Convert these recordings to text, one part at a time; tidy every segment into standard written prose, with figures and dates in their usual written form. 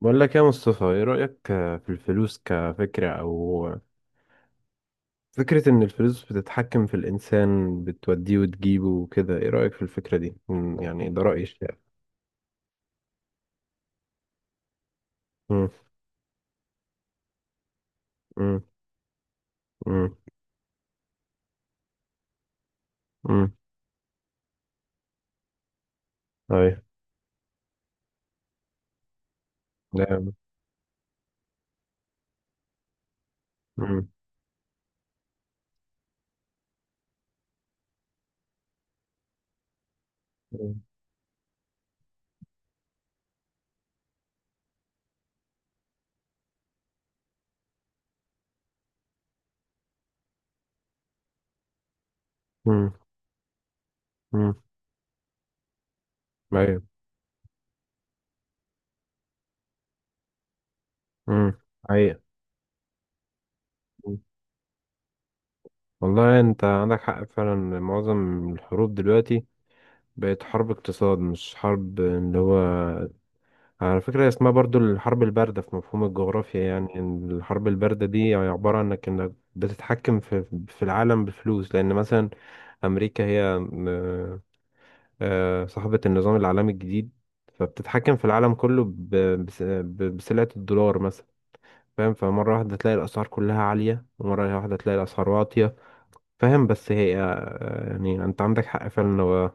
بقول لك يا مصطفى، ايه رأيك في الفلوس كفكرة او فكرة ان الفلوس بتتحكم في الانسان بتوديه وتجيبه وكده؟ ايه رأيك في الفكرة دي؟ يعني ده رأيي الشائع. مم. مم. مم. مم. ايوه. ده- مم. مم. مم. ايوه. مم. ايوه. مم. والله انت عندك حق فعلا، معظم الحروب دلوقتي بقت حرب اقتصاد، مش حرب اللي هو. على فكرة اسمها برضو الحرب الباردة في مفهوم الجغرافيا، يعني إن الحرب الباردة دي عبارة عنك انك بتتحكم في العالم بفلوس، لأن مثلا أمريكا هي صاحبة النظام العالمي الجديد، فبتتحكم في العالم كله بسلعة الدولار مثلا. فاهم؟ فمرة واحدة تلاقي الأسعار كلها عالية، ومرة واحدة تلاقي الأسعار واطية. فاهم؟ بس هي يعني أنت عندك حق فعلا.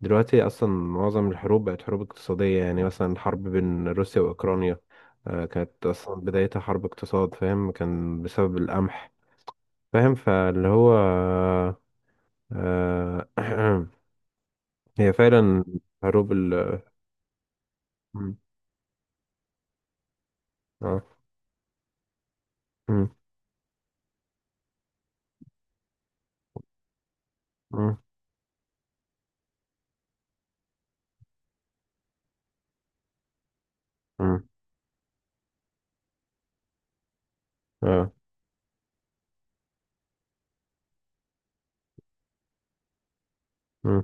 دلوقتي اصلا معظم الحروب بقت حروب اقتصاديه، يعني مثلا حرب بين روسيا واوكرانيا كانت اصلا بدايتها حرب اقتصاد. فاهم؟ كان بسبب القمح. فاهم؟ فاللي هو آه، هي فعلا حروب م-. اه. م-. م-. م-. اه. م-.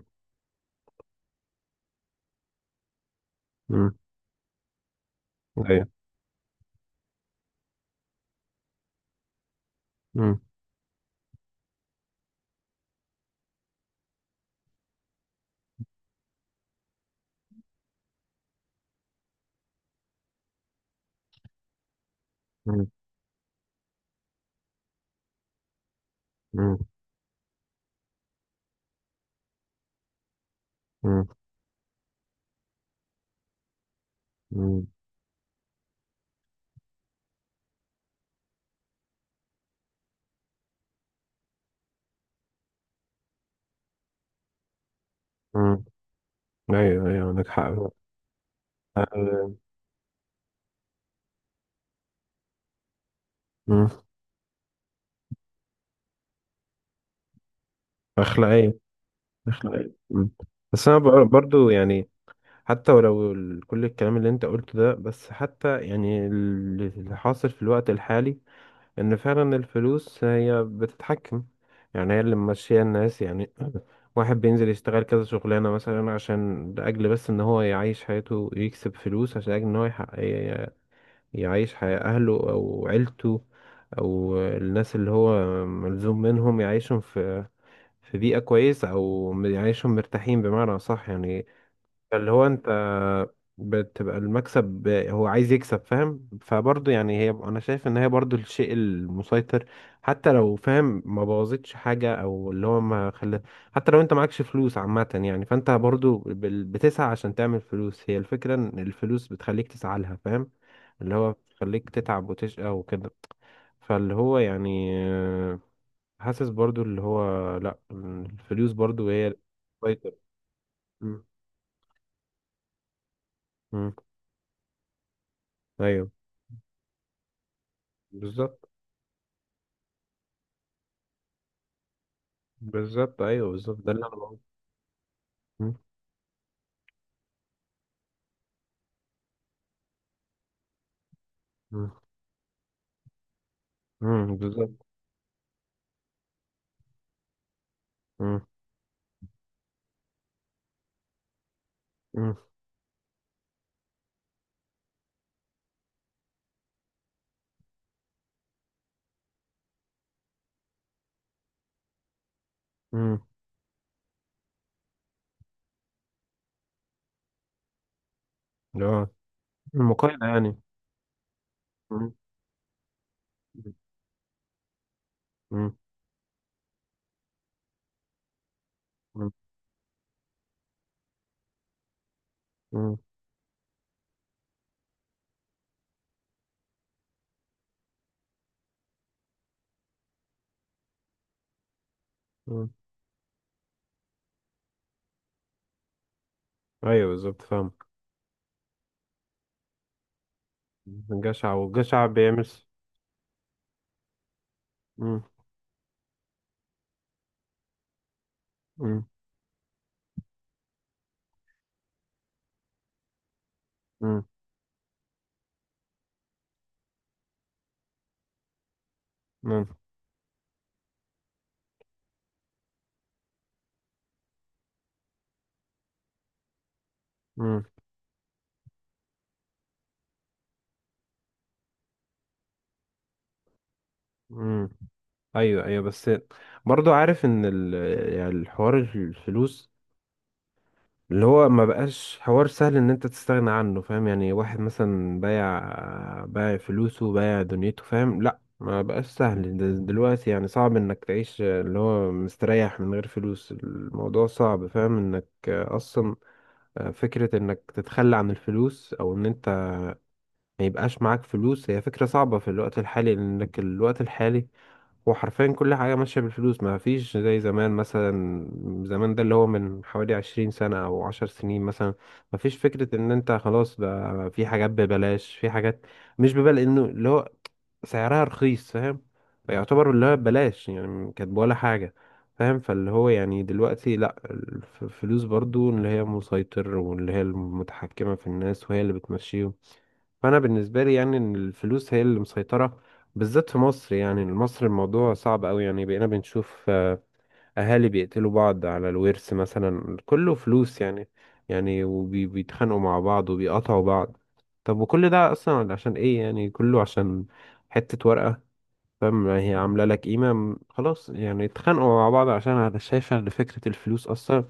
م-. ايوه. م-. م-. م-. م-. م-. م. ايوه ايوه عندك حق. آه، م. اخلاقيه، اخلاقيه. م. بس انا برضو يعني، حتى ولو كل الكلام اللي انت قلته ده، بس حتى يعني اللي حاصل في الوقت الحالي ان فعلا الفلوس هي بتتحكم، يعني هي اللي ماشية الناس يعني. واحد بينزل يشتغل كذا شغلانة مثلا، عشان لأجل بس ان هو يعيش حياته، يكسب فلوس عشان أجل ان هو يعيش حياة اهله او عيلته، او الناس اللي هو ملزوم منهم يعيشهم في بيئة كويسة، او يعيشهم مرتاحين بمعنى صح يعني. اللي هو انت بتبقى المكسب، هو عايز يكسب. فاهم؟ فبرضه يعني، هي انا شايف ان هي برضه الشيء المسيطر. حتى لو، فاهم، ما بوظتش حاجة او اللي هو ما خلى، حتى لو انت معكش فلوس عامة يعني، فانت برضه بتسعى عشان تعمل فلوس. هي الفكرة ان الفلوس بتخليك تسعى لها. فاهم؟ اللي هو بتخليك تتعب وتشقى وكده. فاللي هو يعني حاسس برضه اللي هو، لا الفلوس برضه هي المسيطر. مم. مم. ايوه بالظبط. بالظبط ايوه بالظبط، ده اللي انا بقوله. مم. مم. مم. بالظبط. مم. مم. مم. اللي هو المقايضة يعني. مم. مم. مم. مم. مم. ايوه بالظبط. فاهم؟ الجشع، والجشع بيعمل مم. مم. مم. مم. مم. مم. ايوه ايوه، بس برضو عارف ان يعني الحوار الفلوس اللي هو ما بقاش حوار سهل ان انت تستغنى عنه. فاهم؟ يعني واحد مثلا بايع فلوسه، بايع دنيته. فاهم؟ لا ما بقاش سهل دلوقتي، يعني صعب انك تعيش اللي هو مستريح من غير فلوس. الموضوع صعب، فاهم، انك اصلا فكرة انك تتخلى عن الفلوس، او ان انت ما يبقاش معاك فلوس، هي فكرة صعبة في الوقت الحالي، لانك الوقت الحالي هو حرفيا كل حاجة ماشية بالفلوس. ما فيش زي زمان مثلا. زمان ده اللي هو من حوالي 20 سنة أو 10 سنين مثلا، ما فيش فكرة إن أنت خلاص بقى في حاجات ببلاش، في حاجات مش ببلاش، إنه اللي هو سعرها رخيص. فاهم؟ فيعتبر اللي هو ببلاش يعني، كانت ولا حاجة. فاهم؟ فاللي هو يعني دلوقتي لأ، الفلوس برضو اللي هي مسيطر واللي هي المتحكمة في الناس، وهي اللي بتمشيهم. فانا بالنسبه لي يعني ان الفلوس هي اللي مسيطره، بالذات في مصر. يعني مصر الموضوع صعب قوي، يعني بقينا بنشوف اهالي بيقتلوا بعض على الورث مثلا، كله فلوس يعني. يعني وبيتخانقوا مع بعض وبيقطعوا بعض. طب وكل ده اصلا عشان ايه؟ يعني كله عشان حته ورقه. فاهم؟ هي عامله لك قيمه، خلاص يعني اتخانقوا مع بعض. عشان انا شايفه ان فكره الفلوس اصلا،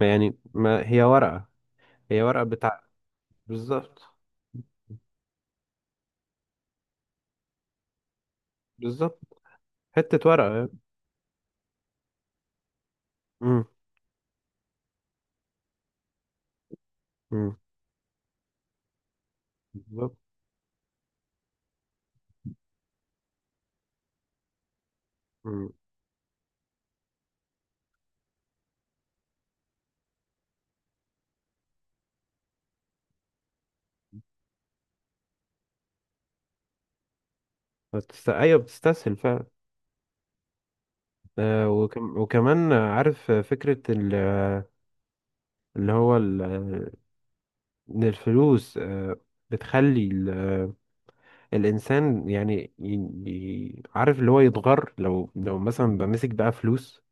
ما يعني، ما هي ورقه، هي ورقه بتاع. بالظبط. بالظبط. حته ورقه. مم. بالظبط. مم. ايوه بتستسهل فعلا. آه، وكمان، عارف، فكرة اللي هو ال... آه، ان الفلوس بتخلي ال... آه، الانسان يعني عارف اللي هو يتغر، لو مثلا بمسك بقى فلوس،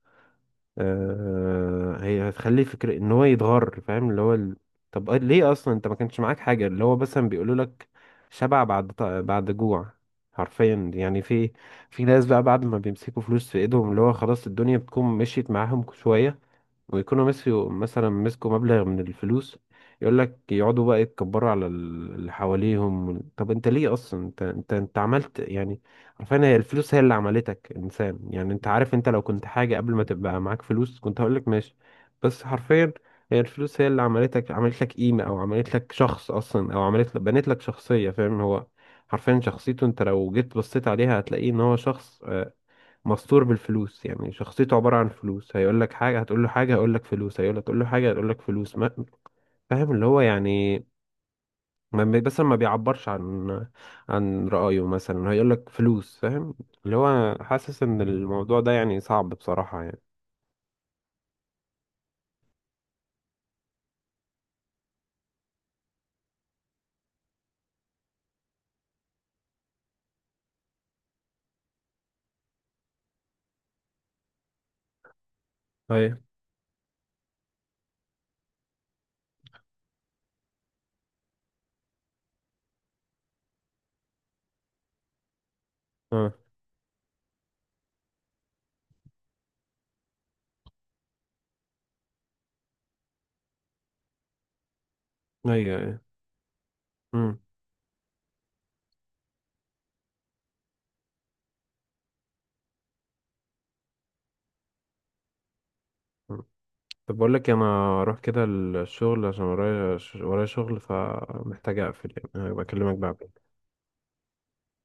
هي هتخليه فكرة ان هو يتغر. فاهم؟ اللي هو طب ليه اصلا انت ما كانش معاك حاجة؟ اللي هو مثلا بيقولوا لك شبع بعد بعد جوع، حرفيا يعني. في ناس بقى بعد ما بيمسكوا فلوس في ايدهم، اللي هو خلاص الدنيا بتكون مشيت معاهم شوية، ويكونوا مسكوا مثلا مسكوا مبلغ من الفلوس، يقول لك يقعدوا بقى يتكبروا على اللي حواليهم. طب انت ليه اصلا؟ انت عملت يعني، عارفين هي الفلوس هي اللي عملتك انسان. يعني انت عارف، انت لو كنت حاجة قبل ما تبقى معاك فلوس كنت هقول لك ماشي، بس حرفيا هي الفلوس هي اللي عملتك، عملت لك قيمة، او عملت لك شخص اصلا، او عملت لك بنت لك شخصية. فاهم؟ هو حرفيا شخصيته، انت لو جيت بصيت عليها هتلاقيه ان هو شخص مستور بالفلوس، يعني شخصيته عبارة عن فلوس. هيقول لك حاجة، هتقول له حاجة هيقول لك فلوس، هيقول لك تقول له حاجة هيقول لك فلوس ما. فاهم؟ اللي هو يعني، ما مثلا ما بيعبرش عن رأيه، مثلا هيقول لك فلوس. فاهم؟ اللي هو حاسس ان الموضوع ده يعني صعب بصراحة يعني. ايوه. اه. ايوه ايوه. امم طب بقول لك انا اروح كده الشغل، عشان ورايا ورايا شغل، فمحتاج اقفل يعني. هبقى اكلمك بعد